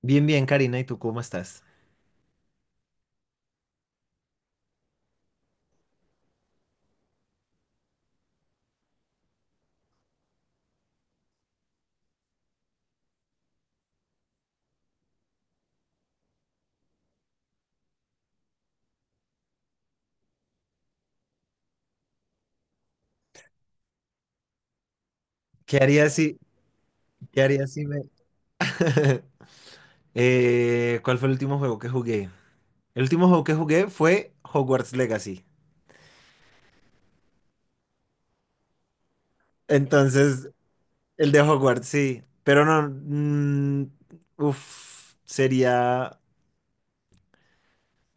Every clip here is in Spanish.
Bien, bien, Karina, ¿y tú cómo estás? ¿Qué harías si, qué harías si me... ¿cuál fue el último juego que jugué? El último juego que jugué fue Hogwarts Legacy. Entonces, el de Hogwarts, sí. Pero no, uf, sería,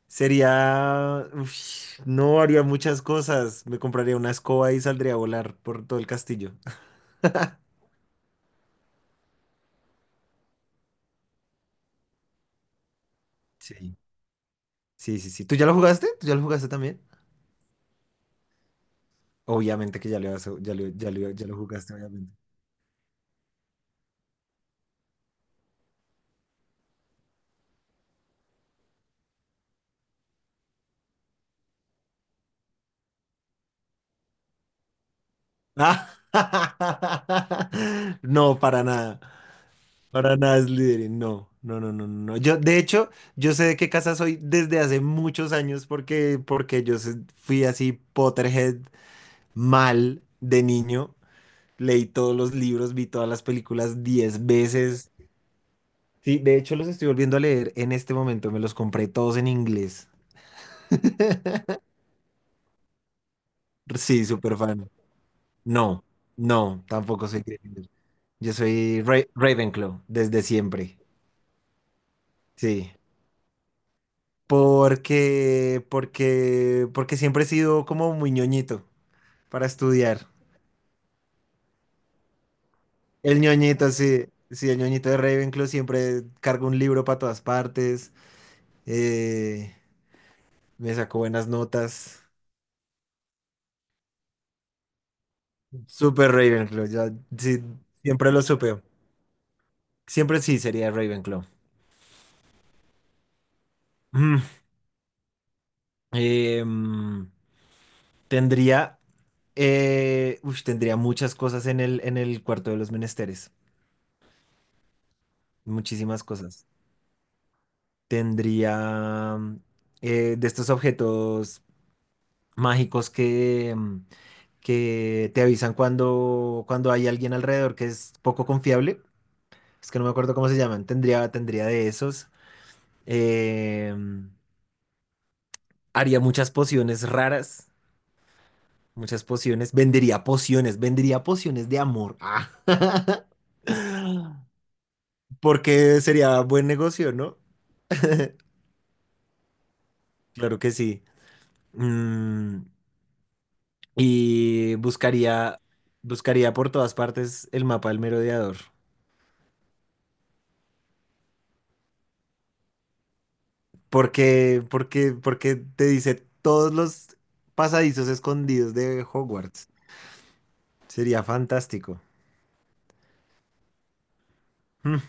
sería, uf, no haría muchas cosas. Me compraría una escoba y saldría a volar por todo el castillo. Sí. Sí, sí, sí. ¿Tú ya lo jugaste? ¿Tú ya lo jugaste también? Obviamente que ya lo, ya lo, ya lo jugaste, obviamente. No, para nada. Para nada es líder. No, no, no, no, no. Yo, de hecho, yo sé de qué casa soy desde hace muchos años porque fui así Potterhead mal de niño. Leí todos los libros, vi todas las películas 10 veces. Sí, de hecho los estoy volviendo a leer en este momento. Me los compré todos en inglés. Sí, súper fan. No, no, tampoco soy Gryffindor. Yo soy Ravenclaw desde siempre. Sí. Porque siempre he sido como muy ñoñito para estudiar. El ñoñito, sí, sí, el ñoñito de Ravenclaw siempre cargo un libro para todas partes. eh, me sacó buenas notas. Súper Ravenclaw, ya, sí, siempre lo supe. Siempre sí sería Ravenclaw. Mm, em, tendría, tendría muchas cosas en en el cuarto de los menesteres. Muchísimas cosas. Tendría de estos objetos mágicos que te avisan cuando hay alguien alrededor que es poco confiable. Es que no me acuerdo cómo se llaman. Tendría de esos. Eh, haría muchas pociones raras. Muchas pociones. Vendería pociones. Vendería pociones de amor. Ah. Porque sería buen negocio, ¿no? Claro que sí. Mm, y buscaría, buscaría por todas partes el mapa del merodeador. Porque te dice todos los pasadizos escondidos de Hogwarts. Sería fantástico. Mm,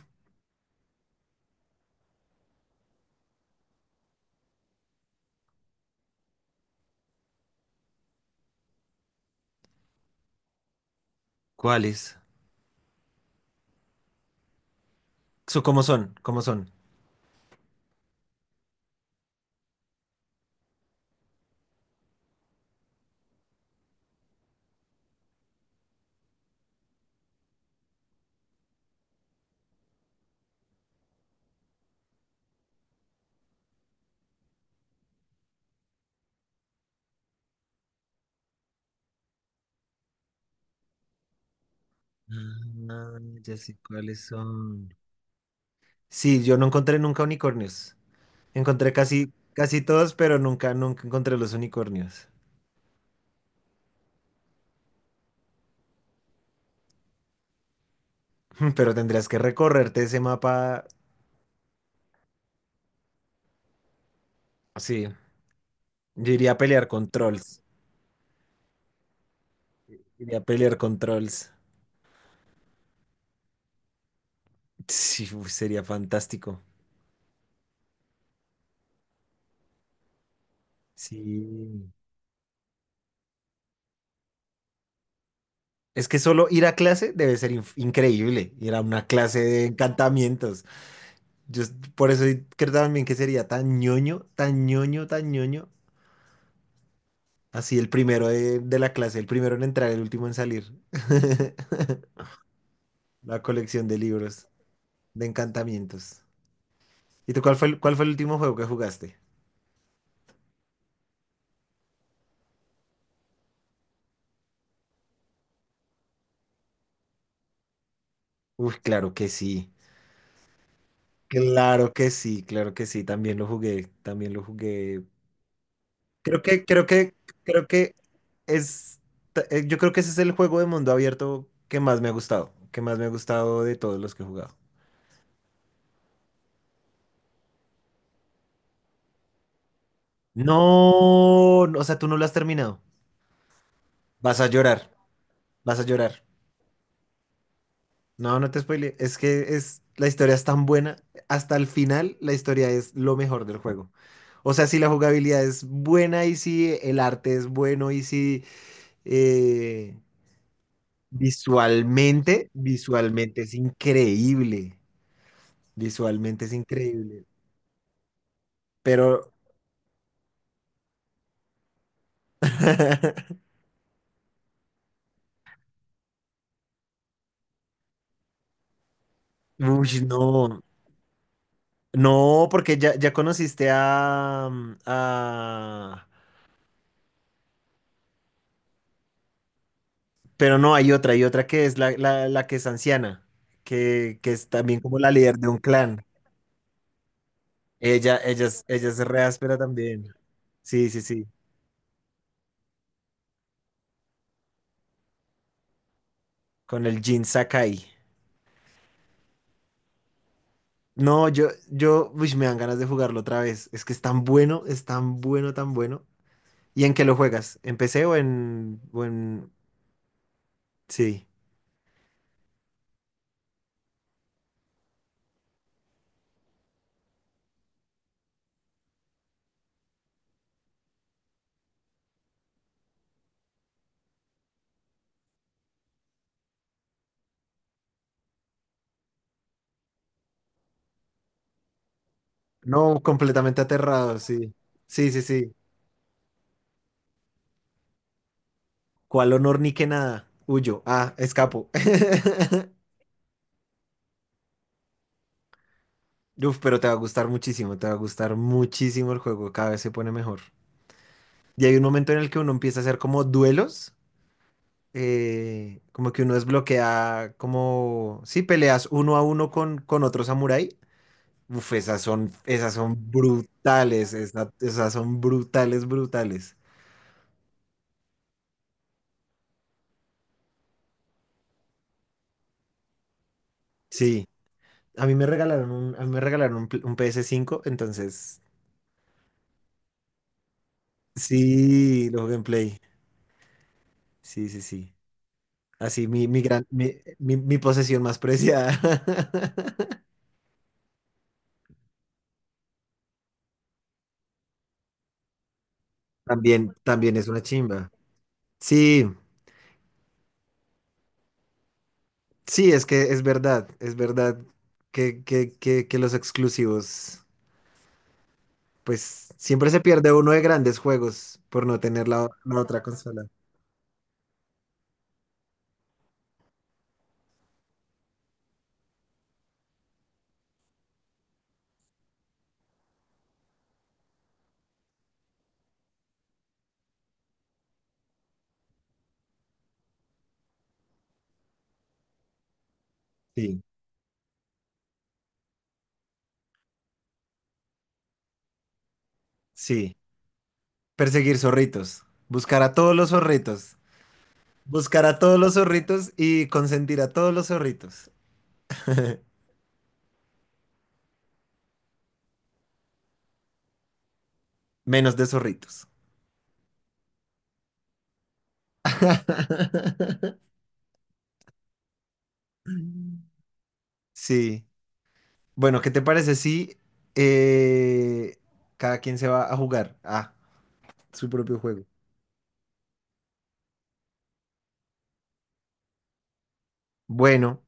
¿cuáles? So, ¿cómo son? ¿Cómo son? Ah, ya sé cuáles son. Sí, yo no encontré nunca unicornios. Encontré casi todos, pero nunca encontré los unicornios. Pero tendrías que recorrerte ese mapa. Sí, yo iría a pelear con trolls. Sería pelear controls. Sí, uy, sería fantástico. Sí. Es que solo ir a clase debe ser increíble. Ir a una clase de encantamientos. Por eso creo también que sería tan ñoño, tan ñoño, tan ñoño. Así el primero de la clase, el primero en entrar, el último en salir. La colección de libros de encantamientos. ¿Y tú cuál fue cuál fue el último juego que jugaste? Uy, claro que sí. Claro que sí, claro que sí. También lo jugué. También lo jugué. Creo que, creo que, creo que es, yo creo que ese es el juego de mundo abierto que más me ha que más me ha gustado de todos los que he jugado. No, no, o sea, tú no lo has terminado. Vas a llorar, vas a llorar. No, no te spoile, la historia es tan buena, hasta el final la historia es lo mejor del juego. O sea, si la jugabilidad es buena y si el arte es bueno y si eh, visualmente, visualmente es increíble. Visualmente es increíble. Pero, uy, no. No, porque ya, ya conociste a- Pero no, hay otra que es la que es anciana, que es también como la líder de un clan. Ella es re áspera también. Sí, sí, sí. Con el Jin Sakai. No, uy, me dan ganas de jugarlo otra vez. Es que es tan bueno, tan bueno. ¿Y en qué lo juegas? ¿En PC o en... Sí. No, completamente aterrado, sí. Sí, sí, sí. ¿Cuál honor ni que nada? Huyo. Ah, escapo. Uf, pero te va a gustar muchísimo, te va a gustar muchísimo el juego, cada vez se pone mejor. Y hay un momento en el que uno empieza a hacer como duelos, como que uno desbloquea, como, sí, peleas uno a uno con otro samurái. Uf, esas son brutales, esas son brutales, brutales. Sí, a mí me regalaron a mí me regalaron un, un PS5 entonces sí, los gameplay. Sí, sí, sí. Así, mi gran, mi posesión más preciada. También, también es una chimba. Sí, sí, es que es verdad que los exclusivos, pues siempre se pierde uno de grandes juegos por no tener la otra consola. Sí, sí. Perseguir zorritos. Buscar a todos los zorritos. Buscar a todos los zorritos y consentir a todos los zorritos. Menos de zorritos. Sí. Bueno, ¿qué te parece si eh, cada quien se va a jugar a su propio juego? Bueno,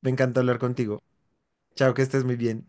me encanta hablar contigo. Chao, que estés muy bien.